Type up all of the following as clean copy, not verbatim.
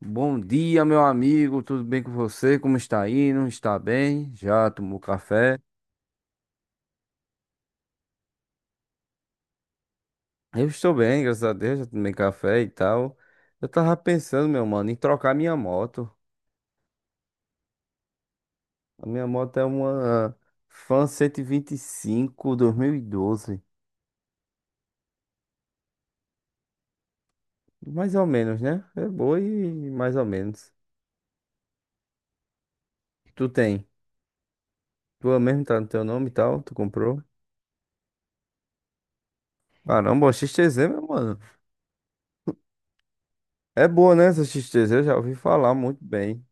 Bom dia, meu amigo. Tudo bem com você? Como está indo? Está bem? Já tomou café? Eu estou bem, graças a Deus. Já tomei café e tal. Eu tava pensando, meu mano, em trocar minha moto. A minha moto é uma Fan 125 2012. Mais ou menos, né? É boa e mais ou menos. Tu tem? Tua mesmo tá no teu nome e tal? Tu comprou? Caramba, a XTZ, meu mano. É boa, né? Essa XTZ, eu já ouvi falar muito bem.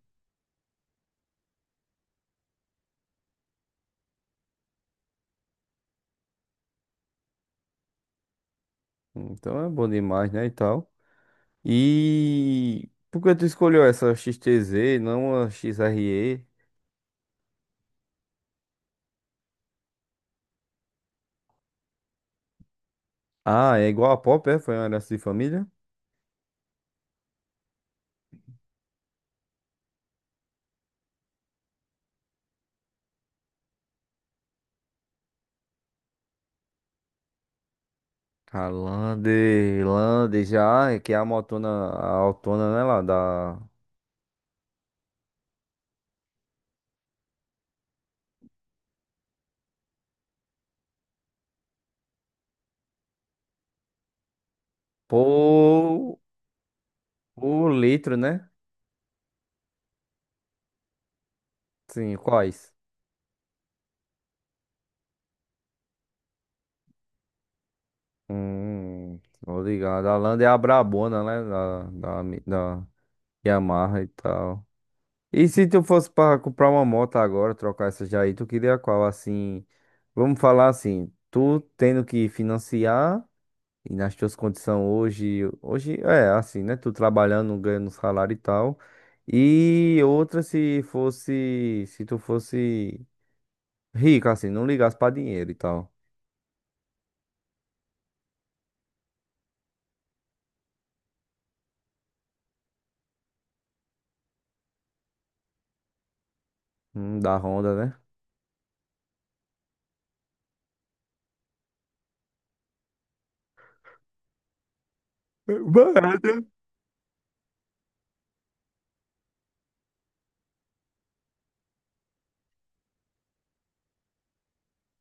Então é bom demais, né? E tal. E por que tu escolheu essa X T Z, não a X R E? Ah, é igual a Pop, é? Foi uma herança de família? A Lande já, é que é a motona, a autona, né, lá, da... Por... o litro, né? Sim, quais? Hum, tô ligado. A Lande é a brabona, né, da Yamaha e tal. E se tu fosse para comprar uma moto agora, trocar essa já aí, tu queria qual? Assim, vamos falar assim, tu tendo que financiar e nas tuas condições hoje, hoje é assim, né? Tu trabalhando, ganhando salário e tal. E outra se tu fosse rico, assim, não ligasse para dinheiro e tal. Da Honda, né? Barato.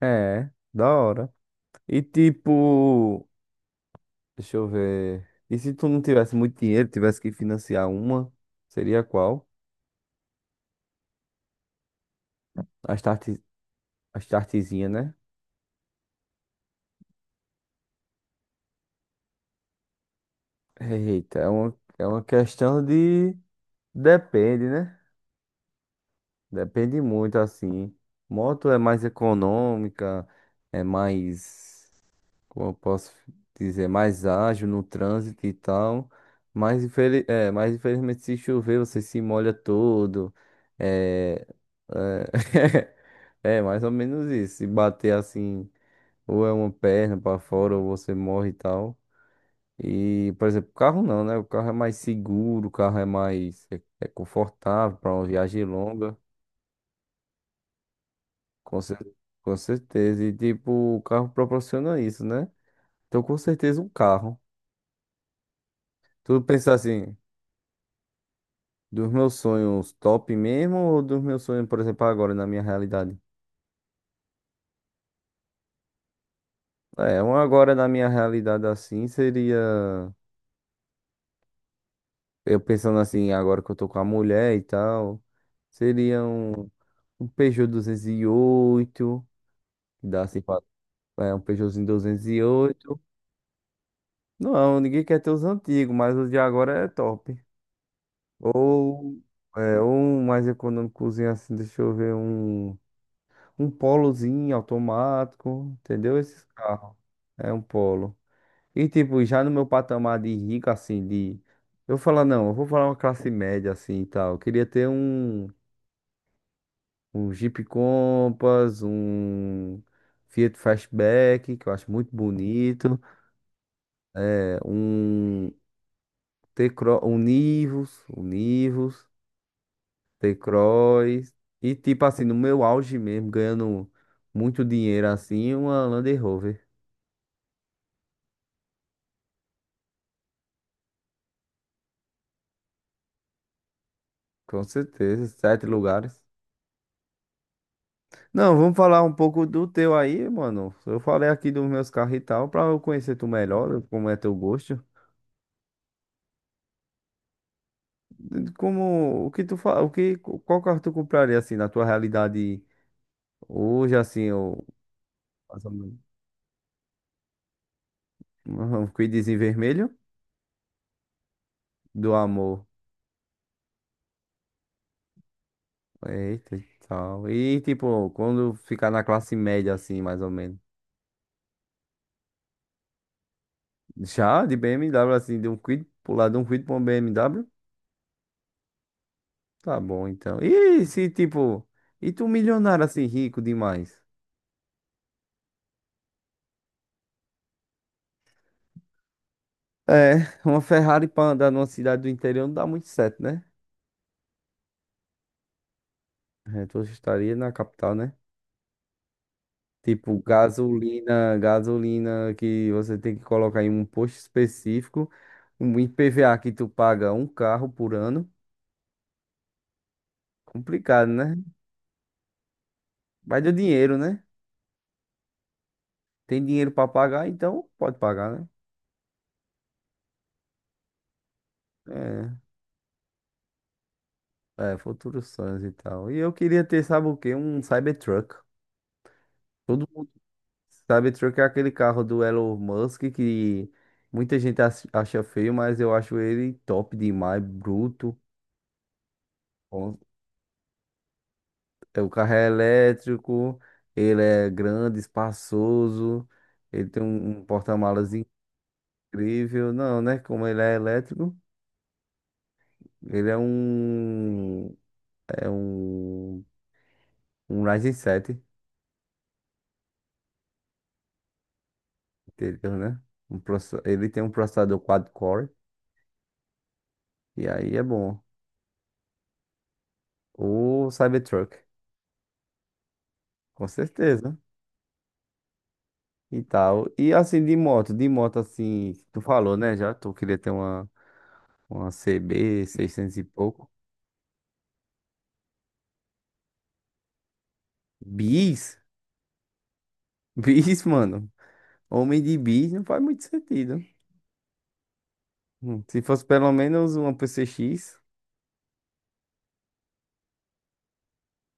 É, da hora. E tipo. Deixa eu ver. E se tu não tivesse muito dinheiro, tivesse que financiar uma, seria qual? A start, a startzinha, né? Eita, é uma questão de. Depende, né? Depende muito, assim. Moto é mais econômica, é mais. Como eu posso dizer? Mais ágil no trânsito e tal. Mas infelizmente, se chover, você se molha todo. É. É. É, mais ou menos isso. Se bater assim, ou é uma perna pra fora, ou você morre e tal. E, por exemplo, o carro não, né? O carro é mais seguro, o carro é mais é confortável pra uma viagem longa, com, cer- com certeza. E, tipo, o carro proporciona isso, né? Então, com certeza, um carro. Tu pensa assim, dos meus sonhos top mesmo, ou dos meus sonhos, por exemplo, agora na minha realidade? É, um agora na minha realidade assim seria. Eu pensando assim, agora que eu tô com a mulher e tal, seria um Peugeot 208 que dá assim pra, é um Peugeotzinho 208. Não, ninguém quer ter os antigos, mas os de agora é top. Ou é um mais econômicozinho assim, deixa eu ver, um Polozinho automático, entendeu? Esses carros. É um Polo. E tipo, já no meu patamar de rico, assim, de. Eu vou falar, não, eu vou falar uma classe média assim e tal. Eu queria ter um. Um Jeep Compass, um Fiat Fastback, que eu acho muito bonito, é, um T-Cross, um Nivus, T-Cross, e tipo assim, no meu auge mesmo, ganhando muito dinheiro assim, uma Land Rover, com certeza, sete lugares. Não, vamos falar um pouco do teu aí, mano. Eu falei aqui dos meus carros e tal, pra eu conhecer tu melhor, como é teu gosto. Como o que tu fa... o que qual carro tu compraria assim na tua realidade hoje assim o mais ou menos, um quidezinho vermelho do amor. Eita, e tal. E tipo, quando ficar na classe média assim, mais ou menos. Já de BMW assim, de um quid pular de um quid para um BMW, tá bom então. E se tipo, e tu milionário assim rico demais? É, uma Ferrari para andar numa cidade do interior não dá muito certo, né? A gente estaria na capital, né? Tipo, gasolina que você tem que colocar em um posto específico, um IPVA que tu paga um carro por ano. Complicado, né? Vai do dinheiro, né? Tem dinheiro pra pagar, então pode pagar, né? É, futuros sonhos e tal. E eu queria ter, sabe o quê? Um Cybertruck. Todo mundo. Cybertruck é aquele carro do Elon Musk que muita gente acha feio, mas eu acho ele top demais, bruto. É, o carro é elétrico, ele é grande, espaçoso, ele tem um porta-malas incrível. Não, né? Como ele é elétrico, ele é é um, um Ryzen 7, entendeu, né? Ele tem um processador quad-core, e aí é bom. O Cybertruck, com certeza. E tal. E assim, de moto assim, tu falou, né? Já tu queria ter uma CB 600 e pouco. Bis? Bis, mano. Homem de bis não faz muito sentido. Se fosse pelo menos uma PCX,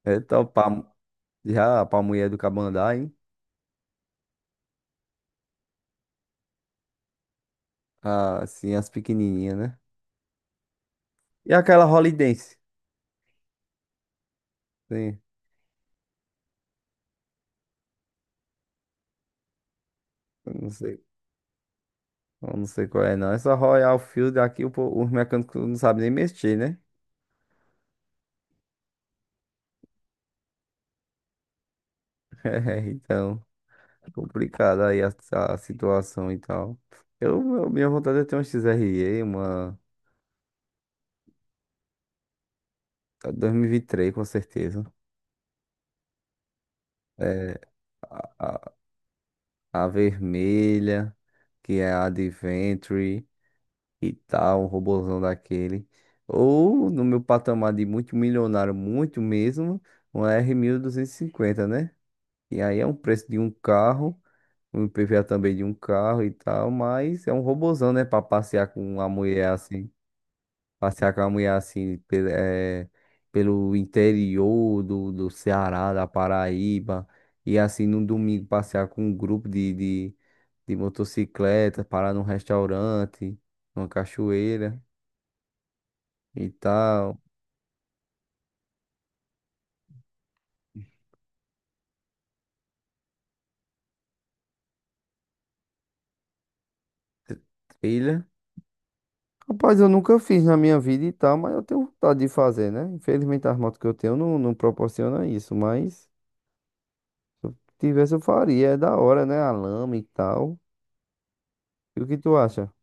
é topar já pra mulher do Cabandá, hein? Ah, assim, as pequenininhas, né? E aquela Holidense? Sim, eu não sei. Eu não sei qual é, não. Essa Royal Field aqui, os mecânicos não sabem nem mexer, né? É, então, complicada aí a situação e tal. Minha vontade é ter uma XRE, uma 2023, com certeza. É, a vermelha, que é a Adventure e tal, o robozão daquele. Ou no meu patamar de muito milionário, muito mesmo, uma R 1250, né? E aí é um preço de um carro, um IPVA também de um carro e tal, mas é um robozão, né? Pra passear com uma mulher assim. Passear com a mulher assim, pelo, eh, pelo interior do Ceará, da Paraíba. E assim, no domingo, passear com um grupo de motocicleta, parar num restaurante, numa cachoeira e tal. Trilha. Rapaz, eu nunca fiz na minha vida e tal, mas eu tenho vontade de fazer, né? Infelizmente, as motos que eu tenho não, não proporcionam isso, mas se eu tivesse, eu faria. É da hora, né? A lama e tal. E o que tu acha?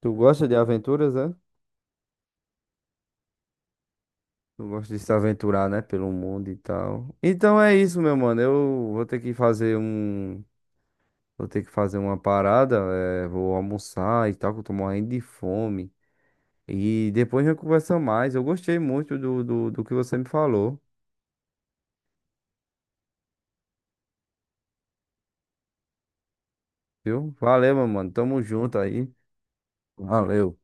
Tu gosta de aventuras, é? Eu gosto de se aventurar, né, pelo mundo e tal. Então é isso, meu mano. Eu vou ter que fazer uma parada, vou almoçar e tal, que eu tô morrendo de fome. E depois a gente conversa mais. Eu gostei muito do que você me falou, viu? Valeu, meu mano. Tamo junto aí. Valeu.